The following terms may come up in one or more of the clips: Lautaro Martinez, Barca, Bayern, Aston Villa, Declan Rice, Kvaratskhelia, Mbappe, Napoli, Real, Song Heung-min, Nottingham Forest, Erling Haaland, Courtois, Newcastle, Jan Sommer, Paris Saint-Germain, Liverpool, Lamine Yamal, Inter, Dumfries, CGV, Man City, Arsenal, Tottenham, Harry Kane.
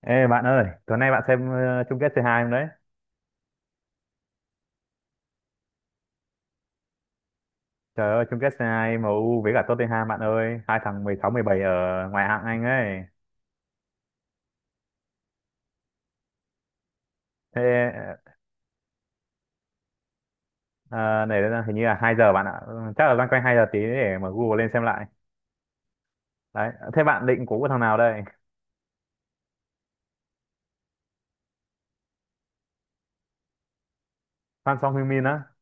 Ê bạn ơi, tối nay bạn xem chung kết C2 không đấy? Trời ơi, chung kết C2 U với cả Tottenham bạn ơi, hai thằng 16, 17 ở ngoại hạng Anh ấy. Thế, ờ, này là hình như là 2 giờ bạn ạ. Ừ, chắc là loanh quanh 2 giờ tí để mở Google lên xem lại. Đấy, thế bạn định cố của thằng nào đây? Fan Song Heung-min á?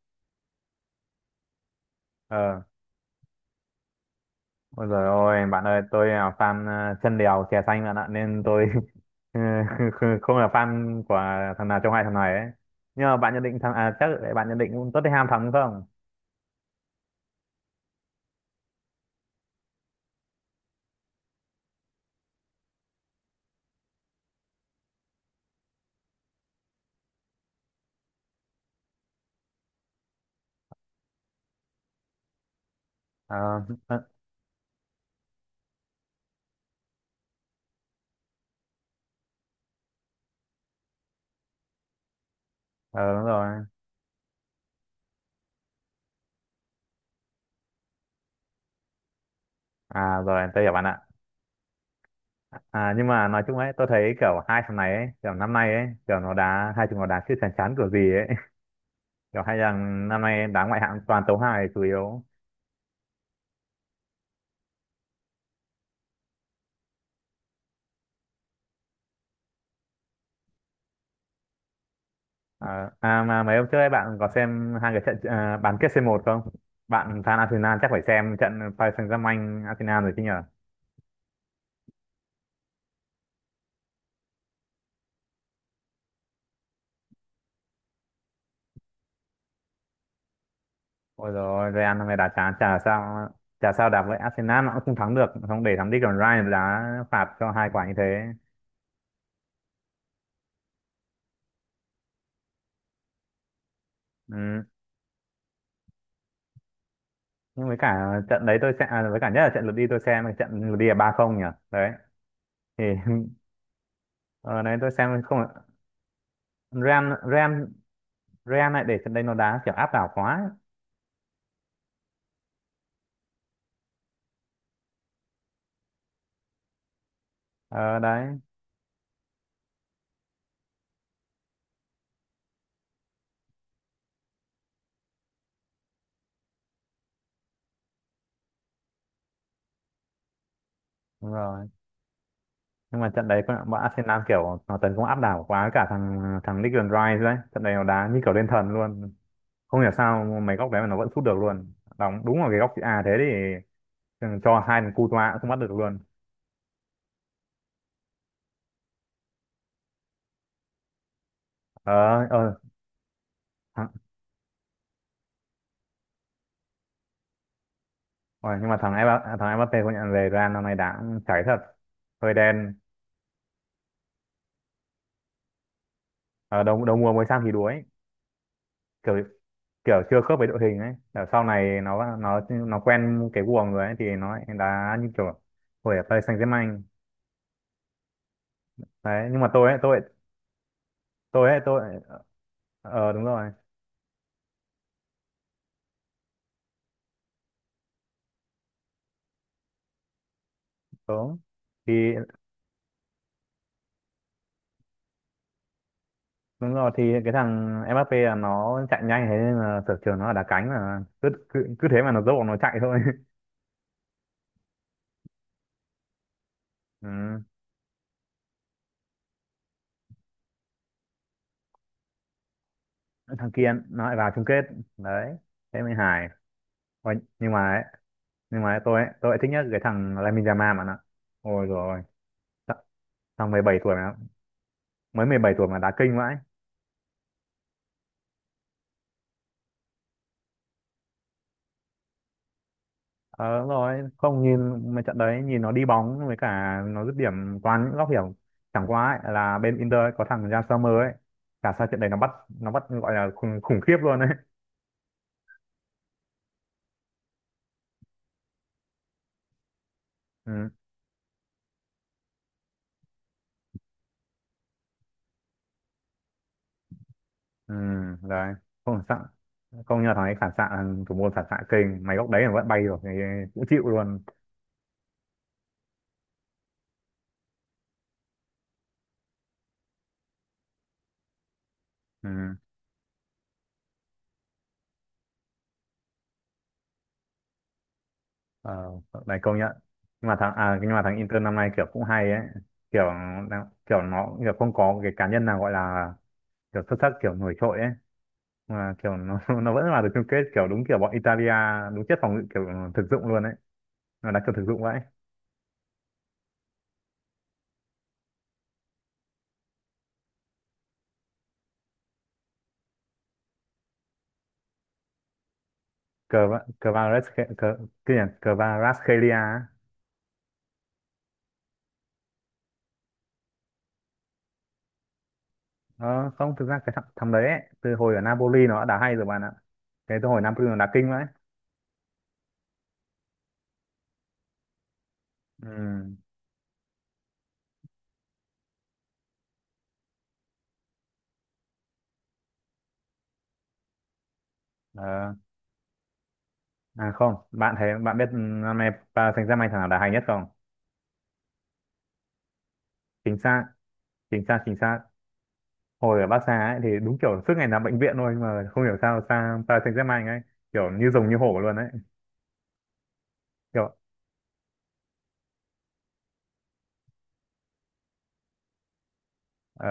Ờ. Ôi giời ơi, bạn ơi, tôi là fan chân đèo chè xanh bạn ạ nên tôi không là fan của thằng nào trong hai thằng này ấy. Nhưng mà bạn nhận định thằng à chắc là bạn nhận định Tottenham thắng đúng không? Ờ, ờ, đúng rồi. À, rồi tôi hiểu bạn ạ. À, nhưng mà nói chung ấy tôi thấy kiểu hai thằng này ấy kiểu năm nay ấy kiểu nó đá hai chúng nó đá chứ chán chán kiểu gì ấy. Kiểu hai thằng năm nay đá ngoại hạng toàn tấu hài chủ yếu. À mà mấy hôm trước ấy bạn có xem hai cái trận bán kết C1 không? Bạn fan Arsenal chắc phải xem trận Paris Saint-Germain Arsenal rồi chứ nhở? Ôi rồi Real năm nay đá chán chả sao, chả sao đá với Arsenal nó cũng không thắng được, không để thắng đi còn Ryan đá phạt cho hai quả như thế. Ừ. Nhưng với cả trận đấy với cả nhất là trận lượt đi tôi xem trận lượt đi là 3-0 nhỉ. Đấy thì ở đấy tôi xem không. Real Real Real lại để trận đấy nó đá kiểu áp đảo quá ấy. Ờ đấy, đúng rồi nhưng mà trận đấy bọn Arsenal kiểu nó tấn công áp đảo quá với cả thằng thằng Declan Rice đấy trận đấy nó đá như kiểu lên thần luôn. Không hiểu sao mấy góc đấy mà nó vẫn sút được luôn, đóng đúng vào cái góc chữ A thế thì ừ, cho hai thằng Courtois cũng không bắt được luôn. Ờ. Ôi, nhưng mà thằng Mbappe công nhận về Real năm nay đã cháy thật, hơi đen. Ở đầu đầu mùa mới sang thì đuối, kiểu kiểu chưa khớp với đội hình ấy, ở sau này nó quen cái guồng rồi ấy thì nó lại đá như kiểu hồi ở Paris Saint-Germain. Đấy nhưng mà tôi ờ đúng rồi đúng thì đúng rồi thì cái thằng Mbappe là nó chạy nhanh thế nên là sở trường nó là đá cánh mà cứ cứ, cứ thế mà nó dốc nó chạy thôi. Ừ. Thằng kia nó lại vào chung kết. Đấy thế mới hài. Ôi, nhưng mà ấy, tôi ấy thích nhất cái thằng Lamine Yamal mà nó. Ôi rồi thằng 17 tuổi mà mới 17 tuổi mà đá kinh vãi. Ờ đúng rồi, không nhìn mấy trận đấy nhìn nó đi bóng với cả nó dứt điểm toàn những góc hiểm. Chẳng qua ấy, là bên Inter ấy, có thằng Jan Sommer ấy, cả sao trận đấy nó bắt gọi là khủng khiếp luôn ấy. Ừ, ừ đấy không phản xạ, công nhận là thằng ấy phản xạ, thằng thủ môn phản xạ kinh mấy góc đấy mà vẫn bay được thì cũng chịu luôn. Ừ. Ờ, này công nhận. Nhưng mà thằng à nhưng mà thằng Inter năm nay kiểu cũng hay ấy, kiểu kiểu nó kiểu không có cái cá nhân nào gọi là kiểu xuất sắc kiểu nổi trội ấy, mà kiểu nó nó vẫn là được chung kết kiểu đúng kiểu bọn Italia đúng chất phòng ngự kiểu thực dụng luôn ấy, nó đá kiểu thực dụng vậy. cờ Cavaras, cờ cái gì nhỉ? Kvaratskhelia á. Ờ, không thực ra cái thằng đấy ấy, từ hồi ở Napoli nó đã đá hay rồi bạn ạ, cái từ hồi Napoli nó đá kinh vậy. Ừ. Ờ. À không, bạn biết năm nay Paris Saint-Germain thằng nào đá hay nhất không? Chính xác, chính xác, chính xác. Hồi ở Barca ấy thì đúng kiểu suốt ngày nằm bệnh viện thôi mà không hiểu sao sang Paris Saint-Germain ấy, kiểu như rồng như hổ luôn ấy. Kiểu, ờ,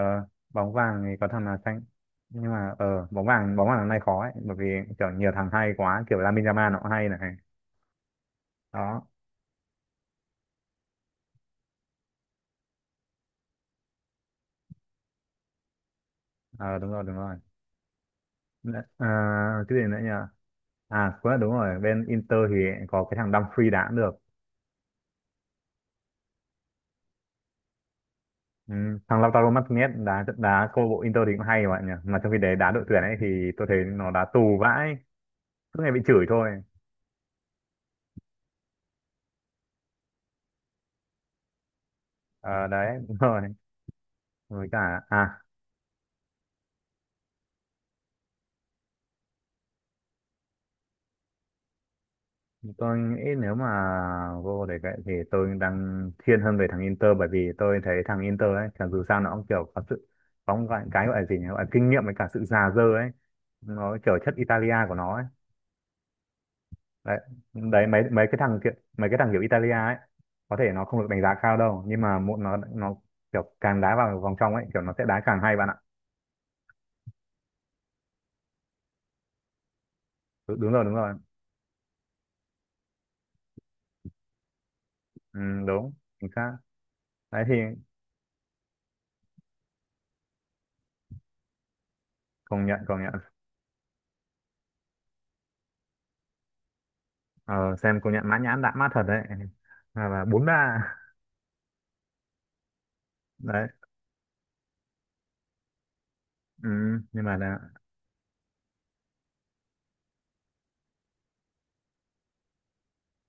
bóng vàng thì có thằng nào xanh. Nhưng mà bóng vàng năm nay khó ấy bởi vì kiểu nhiều thằng hay quá, kiểu Lamine Yamal nó cũng hay này. Đó, ờ đúng rồi, đúng rồi. À, cái gì nữa nhỉ? À, cũng là đúng rồi, bên Inter thì có cái thằng Dumfries đá cũng được. Ừ, thằng Lautaro Martinez đá đá câu lạc bộ Inter thì cũng hay mà nhỉ, mà trong khi đấy đá đội tuyển ấy thì tôi thấy nó đá tù vãi, cứ ngày bị chửi thôi. Ờ đấy, đúng rồi. Với cả à, tôi nghĩ nếu mà vô để vậy thì tôi đang thiên hơn về thằng Inter bởi vì tôi thấy thằng Inter ấy chẳng dù sao nó cũng kiểu có một cái gọi là gì nhỉ, gọi là kinh nghiệm với cả sự già dơ ấy, nó kiểu chất Italia của nó ấy. Đấy đấy mấy mấy cái thằng kiểu mấy cái thằng kiểu Italia ấy. Có thể nó không được đánh giá cao đâu nhưng mà muộn nó kiểu càng đá vào vòng trong ấy kiểu nó sẽ đá càng hay bạn ạ. Đúng, đúng rồi đúng rồi. Ừ, đúng chính xác. Đấy thì công nhận, công nhận. Ờ, xem công nhận mã nhãn đã mát thật đấy. À, và 4-3 đấy. Ừ, nhưng mà là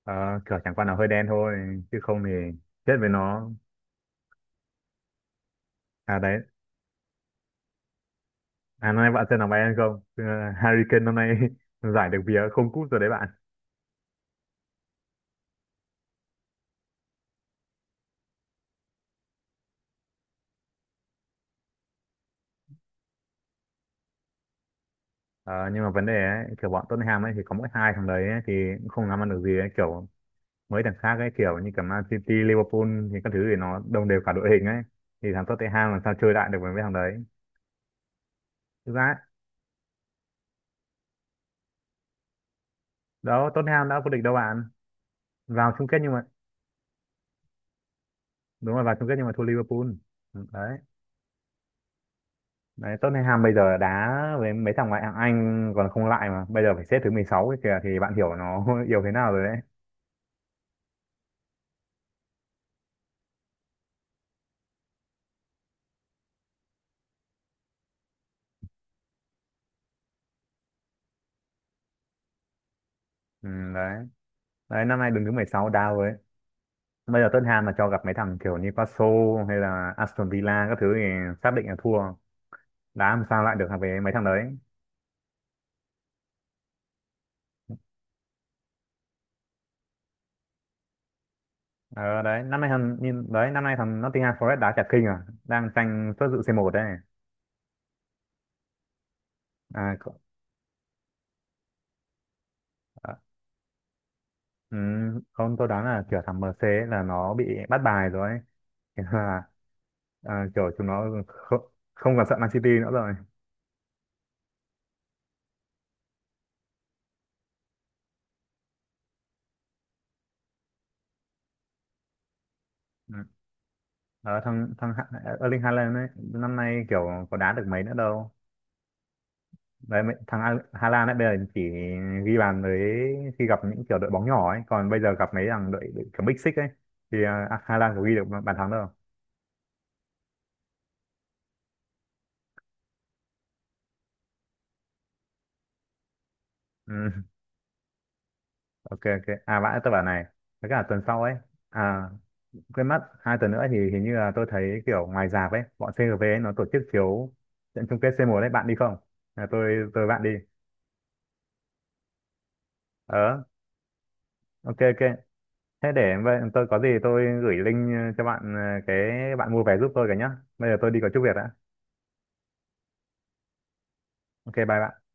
ờ, kiểu chẳng qua là hơi đen thôi chứ không thì chết với nó. À đấy. À, năm nay bạn xem là Bayern không? Ừ, Harry Kane năm nay giải được vía không cúp rồi đấy bạn. Ờ, nhưng mà vấn đề ấy, kiểu bọn Tottenham ấy thì có mỗi hai thằng đấy ấy, thì cũng không làm ăn được gì ấy. Kiểu mấy thằng khác ấy kiểu như cả Man City, Liverpool thì các thứ thì nó đồng đều cả đội hình ấy thì thằng Tottenham làm sao chơi lại được với mấy thằng đấy thực ra ấy. Đó Tottenham đã vô địch đâu bạn, vào chung kết nhưng mà đúng rồi vào chung kết nhưng mà thua Liverpool. Ừ, đấy. Đấy Tottenham bây giờ đá với mấy thằng ngoại hạng Anh còn không lại mà bây giờ phải xếp thứ 16 ấy kìa thì bạn hiểu nó yếu thế nào rồi đấy. Ừ, đấy đấy năm nay đứng thứ 16 đá với. Bây giờ Tottenham mà cho gặp mấy thằng kiểu Newcastle hay là Aston Villa các thứ thì xác định là thua. Đá làm sao lại được về mấy thằng đấy. Ờ đấy, năm nay thằng Nottingham Forest đá chả kinh à, đang tranh suất dự C1 đấy. À, à, ừ, không tôi đoán là kiểu thằng MC ấy là nó bị bắt bài rồi ấy. Thế là à, kiểu chúng nó không còn sợ Man City nữa rồi. Ừ. Đó, thằng thằng Ha- Erling Haaland ấy năm nay kiểu có đá được mấy nữa đâu. Đấy Hà Lan ấy bây giờ chỉ ghi bàn với khi gặp những kiểu đội bóng nhỏ ấy, còn bây giờ gặp mấy thằng đội kiểu Big Six ấy thì à, Hà Lan có ghi được bàn thắng đâu. Ừ. Ok, ok, à vãi, tôi bảo này, với cả tuần sau ấy, à quên mất, 2 tuần nữa thì hình như là tôi thấy kiểu ngoài rạp ấy bọn CGV ấy nó tổ chức chiếu trận chung kết C1 đấy bạn đi không? À, tôi bạn đi. ờ ok, ok, thế để vậy tôi có gì tôi gửi link cho bạn, cái bạn mua vé giúp tôi cả nhá. Bây giờ tôi đi có chút việc đã. Ok, bye bạn.